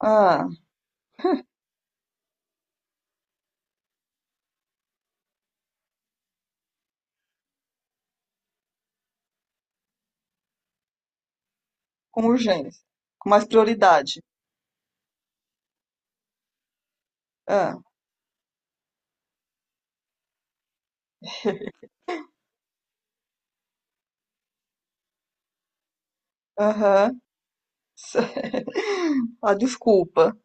Ah, com urgência, com mais prioridade. Ah, aham. A desculpa.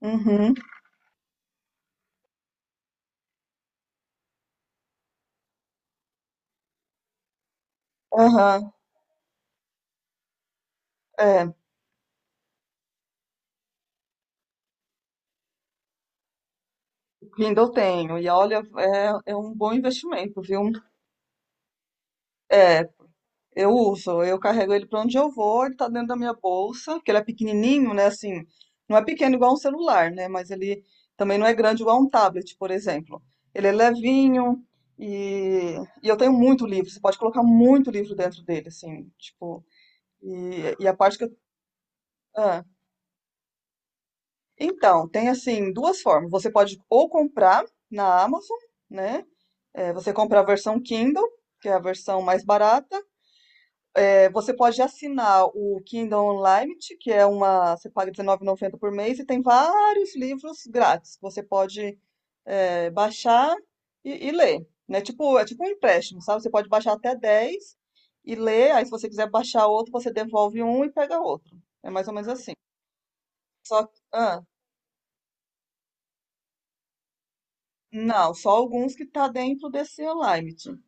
Uhum, aham, é, ainda eu tenho. E olha, é um bom investimento, viu? É, eu uso, eu carrego ele para onde eu vou, ele tá dentro da minha bolsa, que ele é pequenininho, né? Assim, não é pequeno igual um celular, né? Mas ele também não é grande igual um tablet, por exemplo. Ele é levinho e, e eu tenho muito livro, você pode colocar muito livro dentro dele, assim, tipo. E a parte que eu. Ah, então, tem assim duas formas. Você pode ou comprar na Amazon, né? É, você compra a versão Kindle, que é a versão mais barata. É, você pode assinar o Kindle Unlimited, que é uma. Você paga R$19,90 por mês e tem vários livros grátis que você pode baixar e ler. Né? Tipo, é tipo um empréstimo, sabe? Você pode baixar até 10 e ler. Aí, se você quiser baixar outro, você devolve um e pega outro. É mais ou menos assim. Só, ah, Não, só alguns que tá dentro desse Unlimited.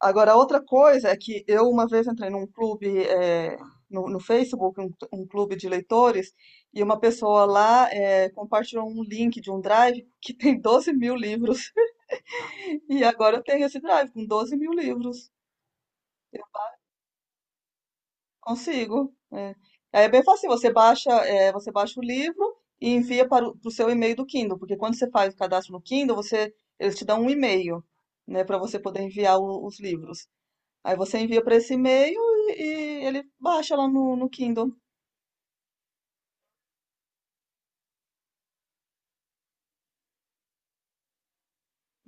Agora, outra coisa é que eu uma vez entrei num clube no, no Facebook, um clube de leitores, e uma pessoa lá compartilhou um link de um drive que tem 12 mil livros. E agora eu tenho esse drive com 12 mil livros. Consigo. É. Aí é bem fácil, você baixa, é, você baixa o livro e envia para o pro seu e-mail do Kindle, porque quando você faz o cadastro no Kindle, você, eles te dão um e-mail, né, para você poder enviar os livros. Aí você envia para esse e-mail e, e ele baixa lá no, no Kindle.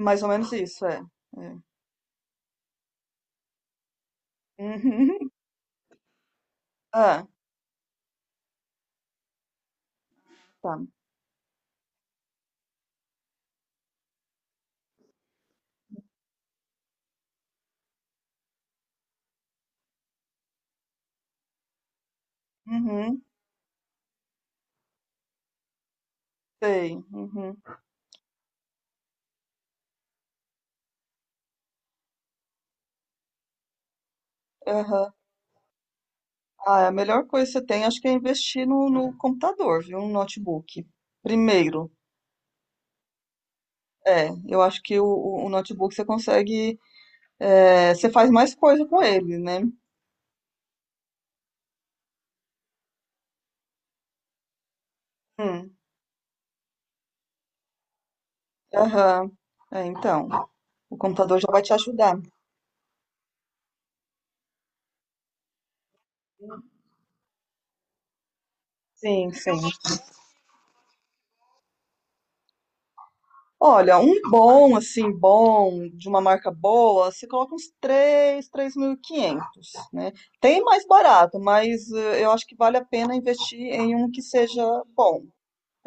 Mais ou menos isso, é. É. Uhum. Ah, tá. Uhum. Sei. Uhum. Aham. Ah, é a melhor coisa que você tem, acho que é investir no, no computador, viu? No notebook. Primeiro. É, eu acho que notebook você consegue. É, você faz mais coisa com ele, né? Hum, aham. É, então, o computador já vai te ajudar. Sim, sim. Olha, um bom, assim, bom, de uma marca boa, você coloca uns 3, quinhentos, né? Tem mais barato, mas eu acho que vale a pena investir em um que seja bom.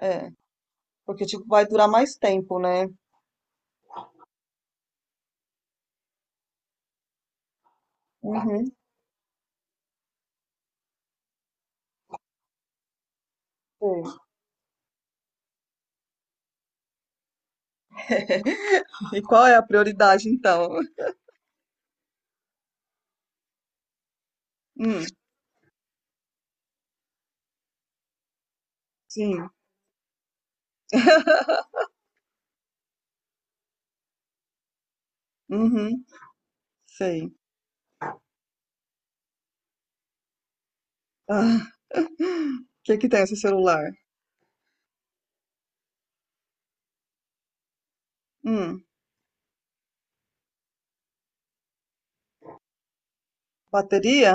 É, porque, tipo, vai durar mais tempo, né? Uhum, sim. E qual é a prioridade, então? Hum, sim. Uhum. Sei. Ah, o que que tem esse celular? Hum, bateria?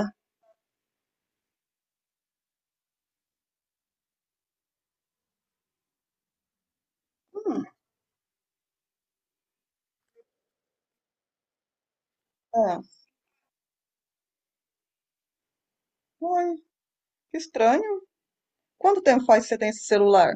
Hum, é. Uai, que estranho. Quanto tempo faz que você tem esse celular?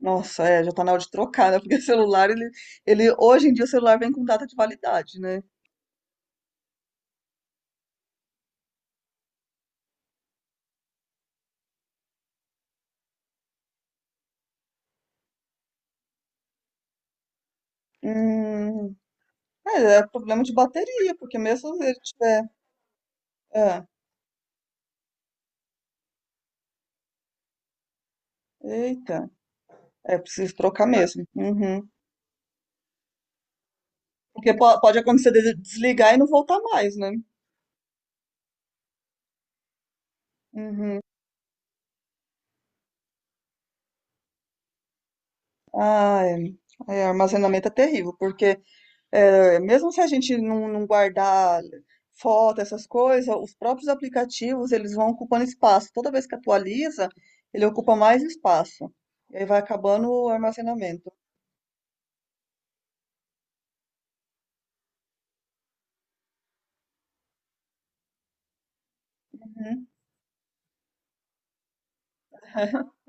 Nossa, é, já tá na hora de trocar, né? Porque celular, ele, hoje em dia o celular vem com data de validade, né? Hum, é, é problema de bateria, porque mesmo se ele tiver, é, eita, é preciso trocar mesmo. Uhum. Porque pode acontecer de desligar e não voltar mais, né? Uhum. Ah, é, é, armazenamento é terrível, porque é, mesmo se a gente não, não guardar foto, essas coisas, os próprios aplicativos, eles vão ocupando espaço. Toda vez que atualiza, ele ocupa mais espaço. E aí vai acabando o armazenamento. Uhum,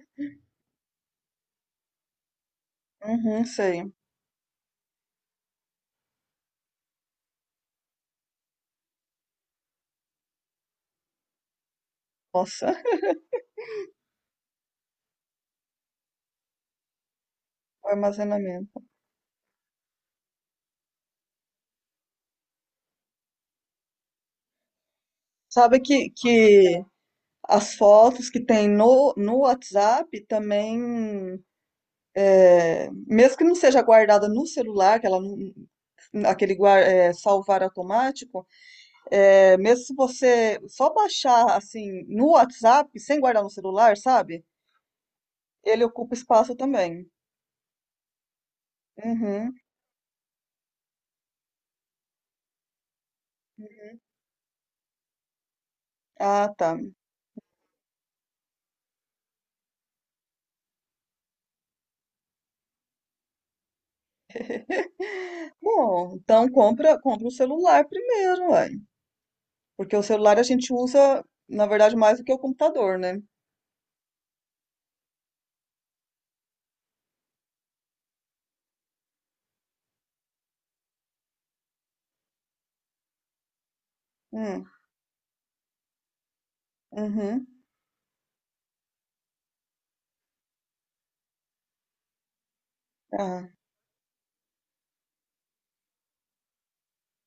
uhum, sei. Nossa, o armazenamento. Sabe que as fotos que tem no, no WhatsApp também, mesmo que não seja guardada no celular, que ela não- aquele salvar automático, é, mesmo se você só baixar assim no WhatsApp, sem guardar no celular, sabe? Ele ocupa espaço também. Uhum. Ah, tá. Bom, então compra, compra o celular primeiro, ué. Porque o celular a gente usa, na verdade, mais do que o computador, né? Hum, uhum. Ah,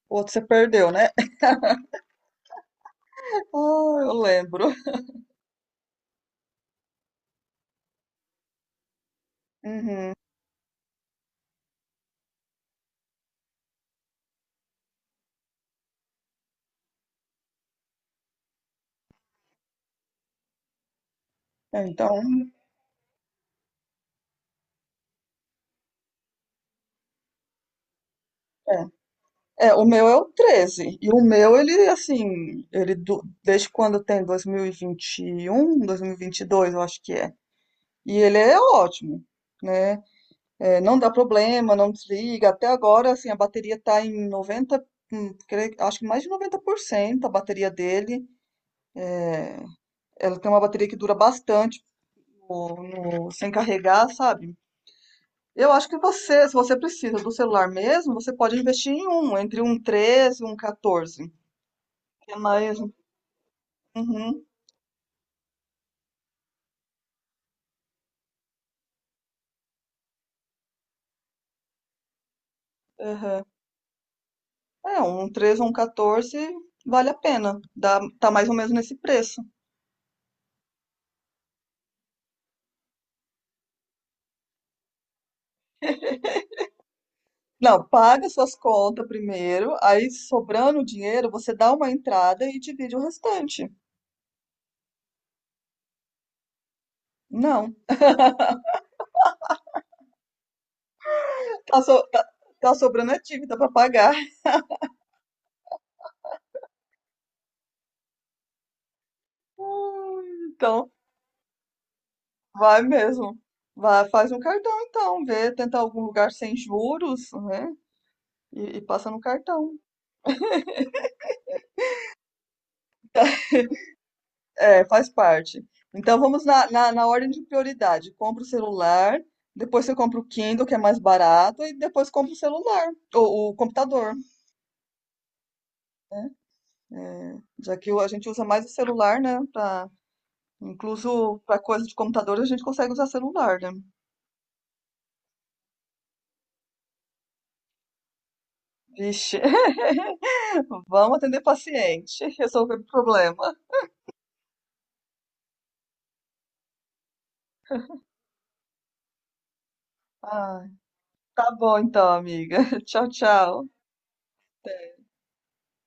o outro você perdeu, né? Ah, eu lembro. Uhum. É. Então, é. É, o meu é o treze. E o meu, ele, assim, desde quando tem 2021, 2022, eu acho que é. E ele é ótimo, né? É, não dá problema, não desliga. Até agora, assim, a bateria tá em 90, acho que mais de 90% a bateria dele. Ela tem uma bateria que dura bastante no- sem carregar, sabe? Eu acho que você, se você precisa do celular mesmo, você pode investir em um, entre um 13 e um 14. Que é mais, uhum, aham. É, um 13 ou um 14 vale a pena. Dá, tá mais ou menos nesse preço. Não, paga suas contas primeiro, aí sobrando o dinheiro, você dá uma entrada e divide o restante. Não, tá, so- tá- tá sobrando a dívida para pagar. Então, vai mesmo. Vai, faz um cartão então, vê, tenta algum lugar sem juros, né? E passa no cartão. É, faz parte. Então vamos na, na, na ordem de prioridade. Compra o celular, depois você compra o Kindle, que é mais barato, e depois compra o celular, ou o computador. É, já que a gente usa mais o celular, né? Pra, incluso para coisa de computador, a gente consegue usar celular, né? Vixe, vamos atender paciente, resolver problema. Ai, tá bom então, amiga. Tchau, tchau.